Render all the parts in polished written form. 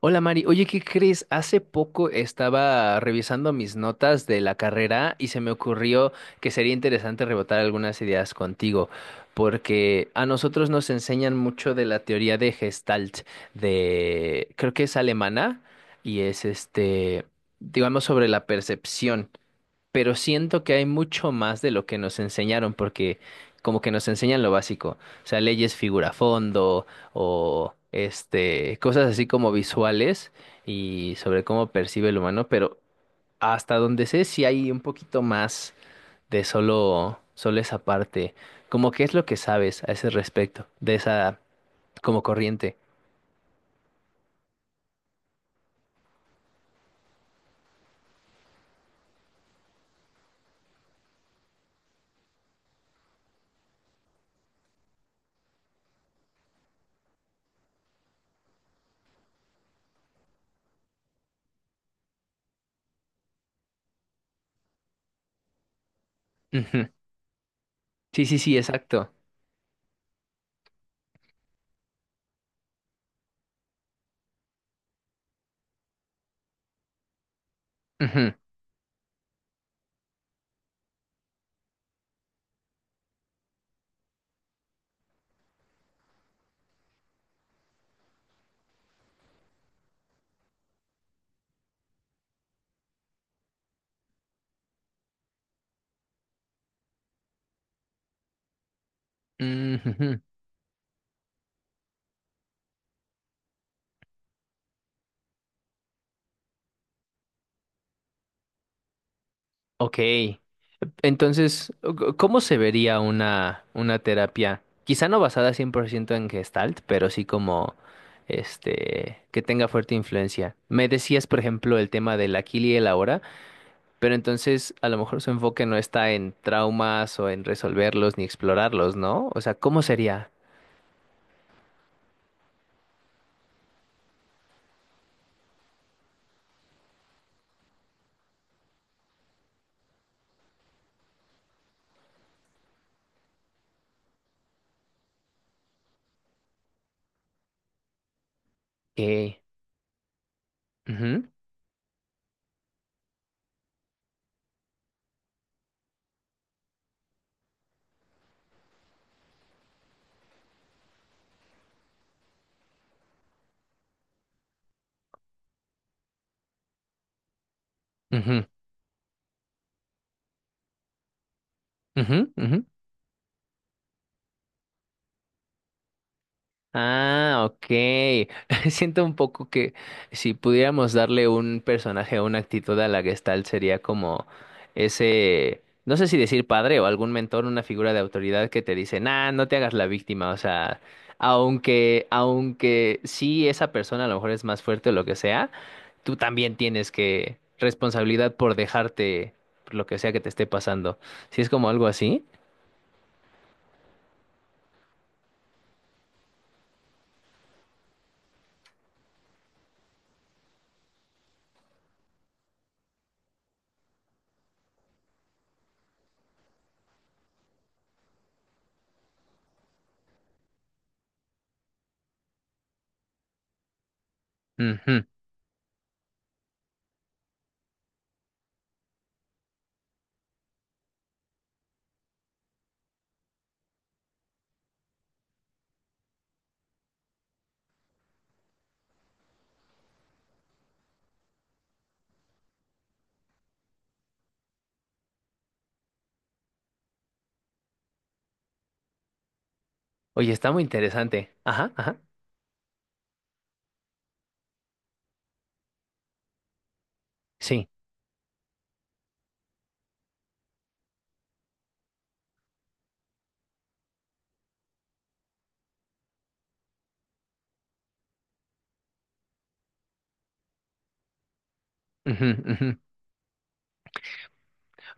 Hola Mari, oye, ¿qué crees? Hace poco estaba revisando mis notas de la carrera y se me ocurrió que sería interesante rebotar algunas ideas contigo, porque a nosotros nos enseñan mucho de la teoría de Gestalt, de creo que es alemana y es digamos, sobre la percepción, pero siento que hay mucho más de lo que nos enseñaron, porque como que nos enseñan lo básico, o sea, leyes figura fondo o cosas así como visuales y sobre cómo percibe el humano, pero hasta donde sé sí hay un poquito más de solo esa parte, como qué es lo que sabes a ese respecto, de esa como corriente. Ujú. Sí, sí, sí, exacto. Ujú. Ujú. Ok. Entonces, ¿cómo se vería una terapia? Quizá no basada 100% en Gestalt, pero sí como que tenga fuerte influencia. Me decías, por ejemplo, el tema del aquí y el ahora, pero entonces a lo mejor su enfoque no está en traumas o en resolverlos ni explorarlos, ¿no? O sea, ¿cómo sería? Que Ujú, ujú, ujú, ujú. Ah, ok. Siento un poco que si pudiéramos darle un personaje o una actitud a la Gestalt sería como ese, no sé si decir padre o algún mentor, una figura de autoridad que te dice, nah, no te hagas la víctima. O sea, aunque sí esa persona a lo mejor es más fuerte o lo que sea, tú también tienes que responsabilidad por dejarte por lo que sea que te esté pasando. Si es como algo así. Ujú. Oye, está muy interesante. Ajá, ajá. Sí. Ujú, ujú.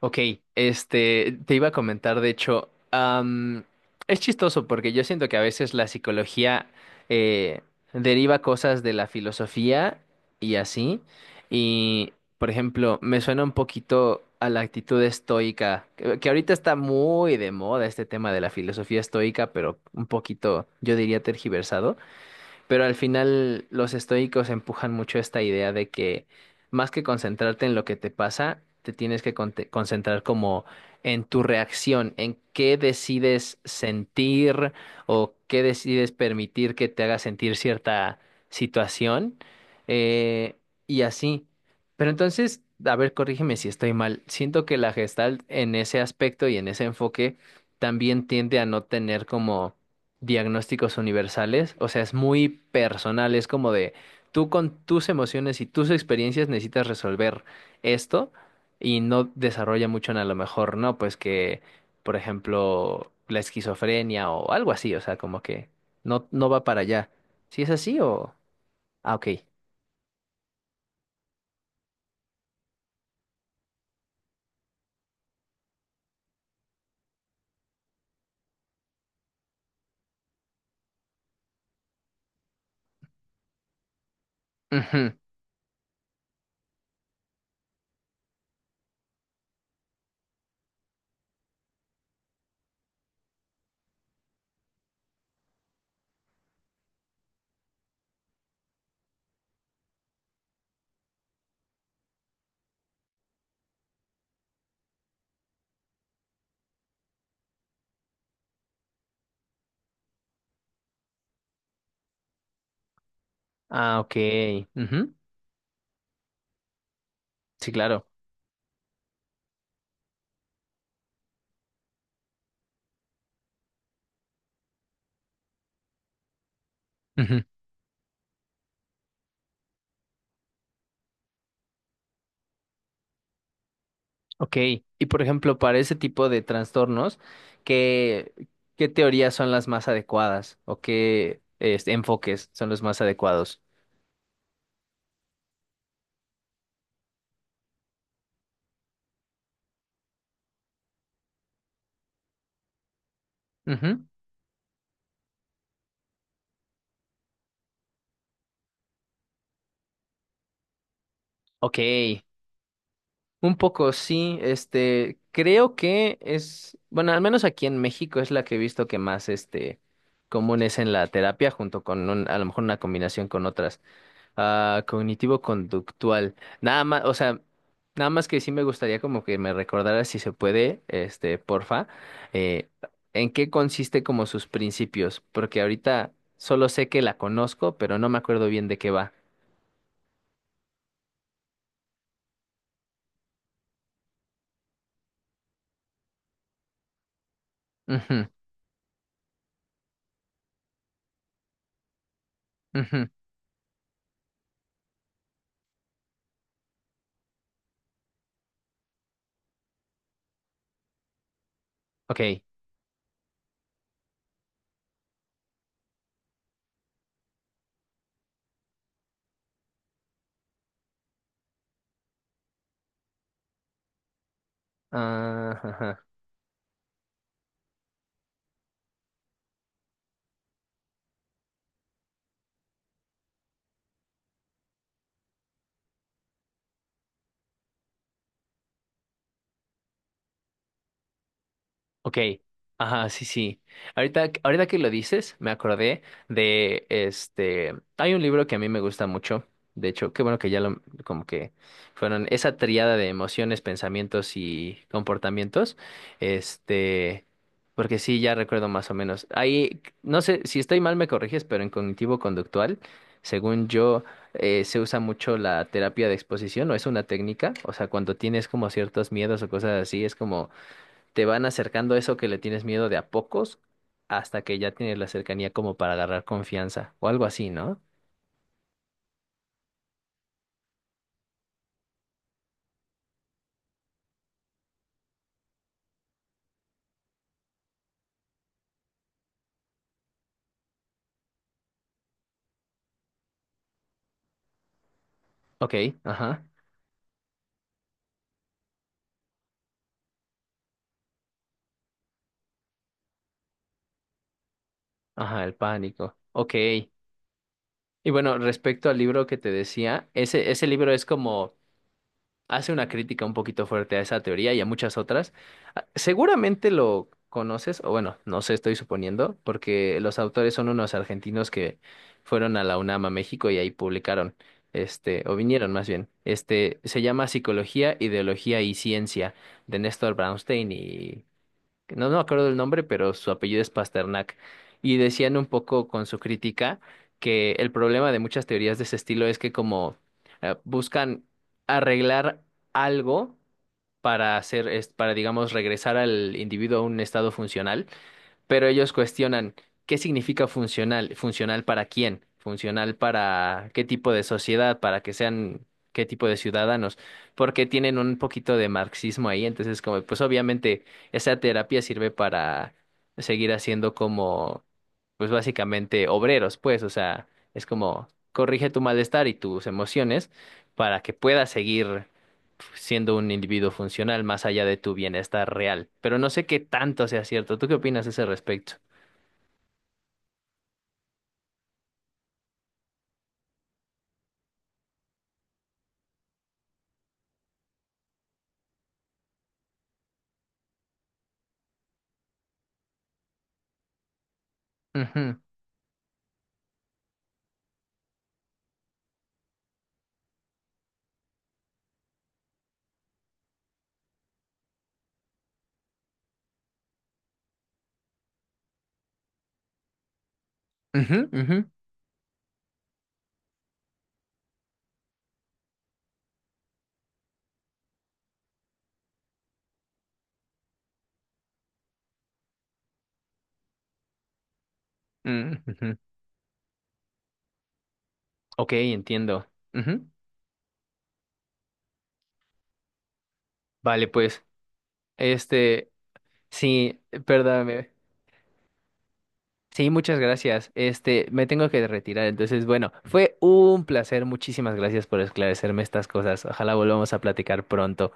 Ok, te iba a comentar, de hecho, es chistoso porque yo siento que a veces la psicología eh, deriva cosas de la filosofía y así, y por ejemplo, me suena un poquito a la actitud estoica, que ahorita está muy de moda este tema de la filosofía estoica, pero un poquito, yo diría, tergiversado. Pero al final los estoicos empujan mucho esta idea de que más que concentrarte en lo que te pasa, te tienes que concentrar como en tu reacción, en qué decides sentir o qué decides permitir que te haga sentir cierta situación, eh, y así. Pero entonces, a ver, corrígeme si estoy mal. Siento que la Gestalt en ese aspecto y en ese enfoque también tiende a no tener como diagnósticos universales, o sea, es muy personal, es como de tú con tus emociones y tus experiencias necesitas resolver esto y no desarrolla mucho en a lo mejor, no, pues que, por ejemplo, la esquizofrenia o algo así, o sea, como que no va para allá. ¿Si es así o...? Ah, ok. Ujú. Ah, ok. Ujú. Sí, claro. Ok, y por ejemplo, para ese tipo de trastornos, ¿qué, ¿qué teorías son las más adecuadas o qué enfoques son los más adecuados? Ujú. Ok, un poco sí, creo que es, bueno, al menos aquí en México es la que he visto que más, común es en la terapia junto con a lo mejor una combinación con otras. Ah, cognitivo-conductual. Nada más, o sea, nada más que sí me gustaría como que me recordara si se puede, porfa, eh, en qué consiste como sus principios, porque ahorita solo sé que la conozco, pero no me acuerdo bien de qué va. Ujú, ujú. Ok. Ah. Ok, ajá, sí, sí. Ahorita que lo dices, me acordé de este. Hay un libro que a mí me gusta mucho. De hecho, qué bueno que ya lo, como que fueron esa tríada de emociones, pensamientos y comportamientos. Este, porque sí, ya recuerdo más o menos. Ahí, no sé, si estoy mal me corriges, pero en cognitivo-conductual, según yo, se usa mucho la terapia de exposición, o es una técnica. O sea, cuando tienes como ciertos miedos o cosas así, es como te van acercando eso que le tienes miedo de a pocos hasta que ya tienes la cercanía como para agarrar confianza o algo así, ¿no? Ok, ajá, ajá, el pánico. Ok. Y bueno, respecto al libro que te decía, ese libro es como hace una crítica un poquito fuerte a esa teoría y a muchas otras. Ah, seguramente lo conoces, o bueno, no sé, estoy suponiendo, porque los autores son unos argentinos que fueron a la UNAM a México y ahí publicaron, o vinieron más bien. Este, se llama Psicología, Ideología y Ciencia, de Néstor Brownstein, que no me acuerdo del nombre, pero su apellido es Pasternak, y decían un poco con su crítica que el problema de muchas teorías de ese estilo es que como buscan arreglar algo para hacer, para digamos regresar al individuo a un estado funcional, pero ellos cuestionan qué significa funcional, funcional para quién, funcional para qué tipo de sociedad, para que sean qué tipo de ciudadanos, porque tienen un poquito de marxismo ahí, entonces como pues obviamente esa terapia sirve para seguir haciendo como pues básicamente obreros, pues, o sea, es como corrige tu malestar y tus emociones para que puedas seguir siendo un individuo funcional más allá de tu bienestar real. Pero no sé qué tanto sea cierto. ¿Tú qué opinas a ese respecto? Ujú, ujú, ujú, mm, ujú. Ok, entiendo. Ujú. Vale, pues, este, sí, perdóname. Sí, muchas gracias. Este, me tengo que retirar. Entonces, bueno, fue un placer. Muchísimas gracias por esclarecerme estas cosas. Ojalá volvamos a platicar pronto.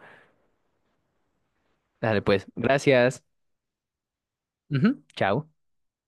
Dale, pues, gracias. Ujú, chao.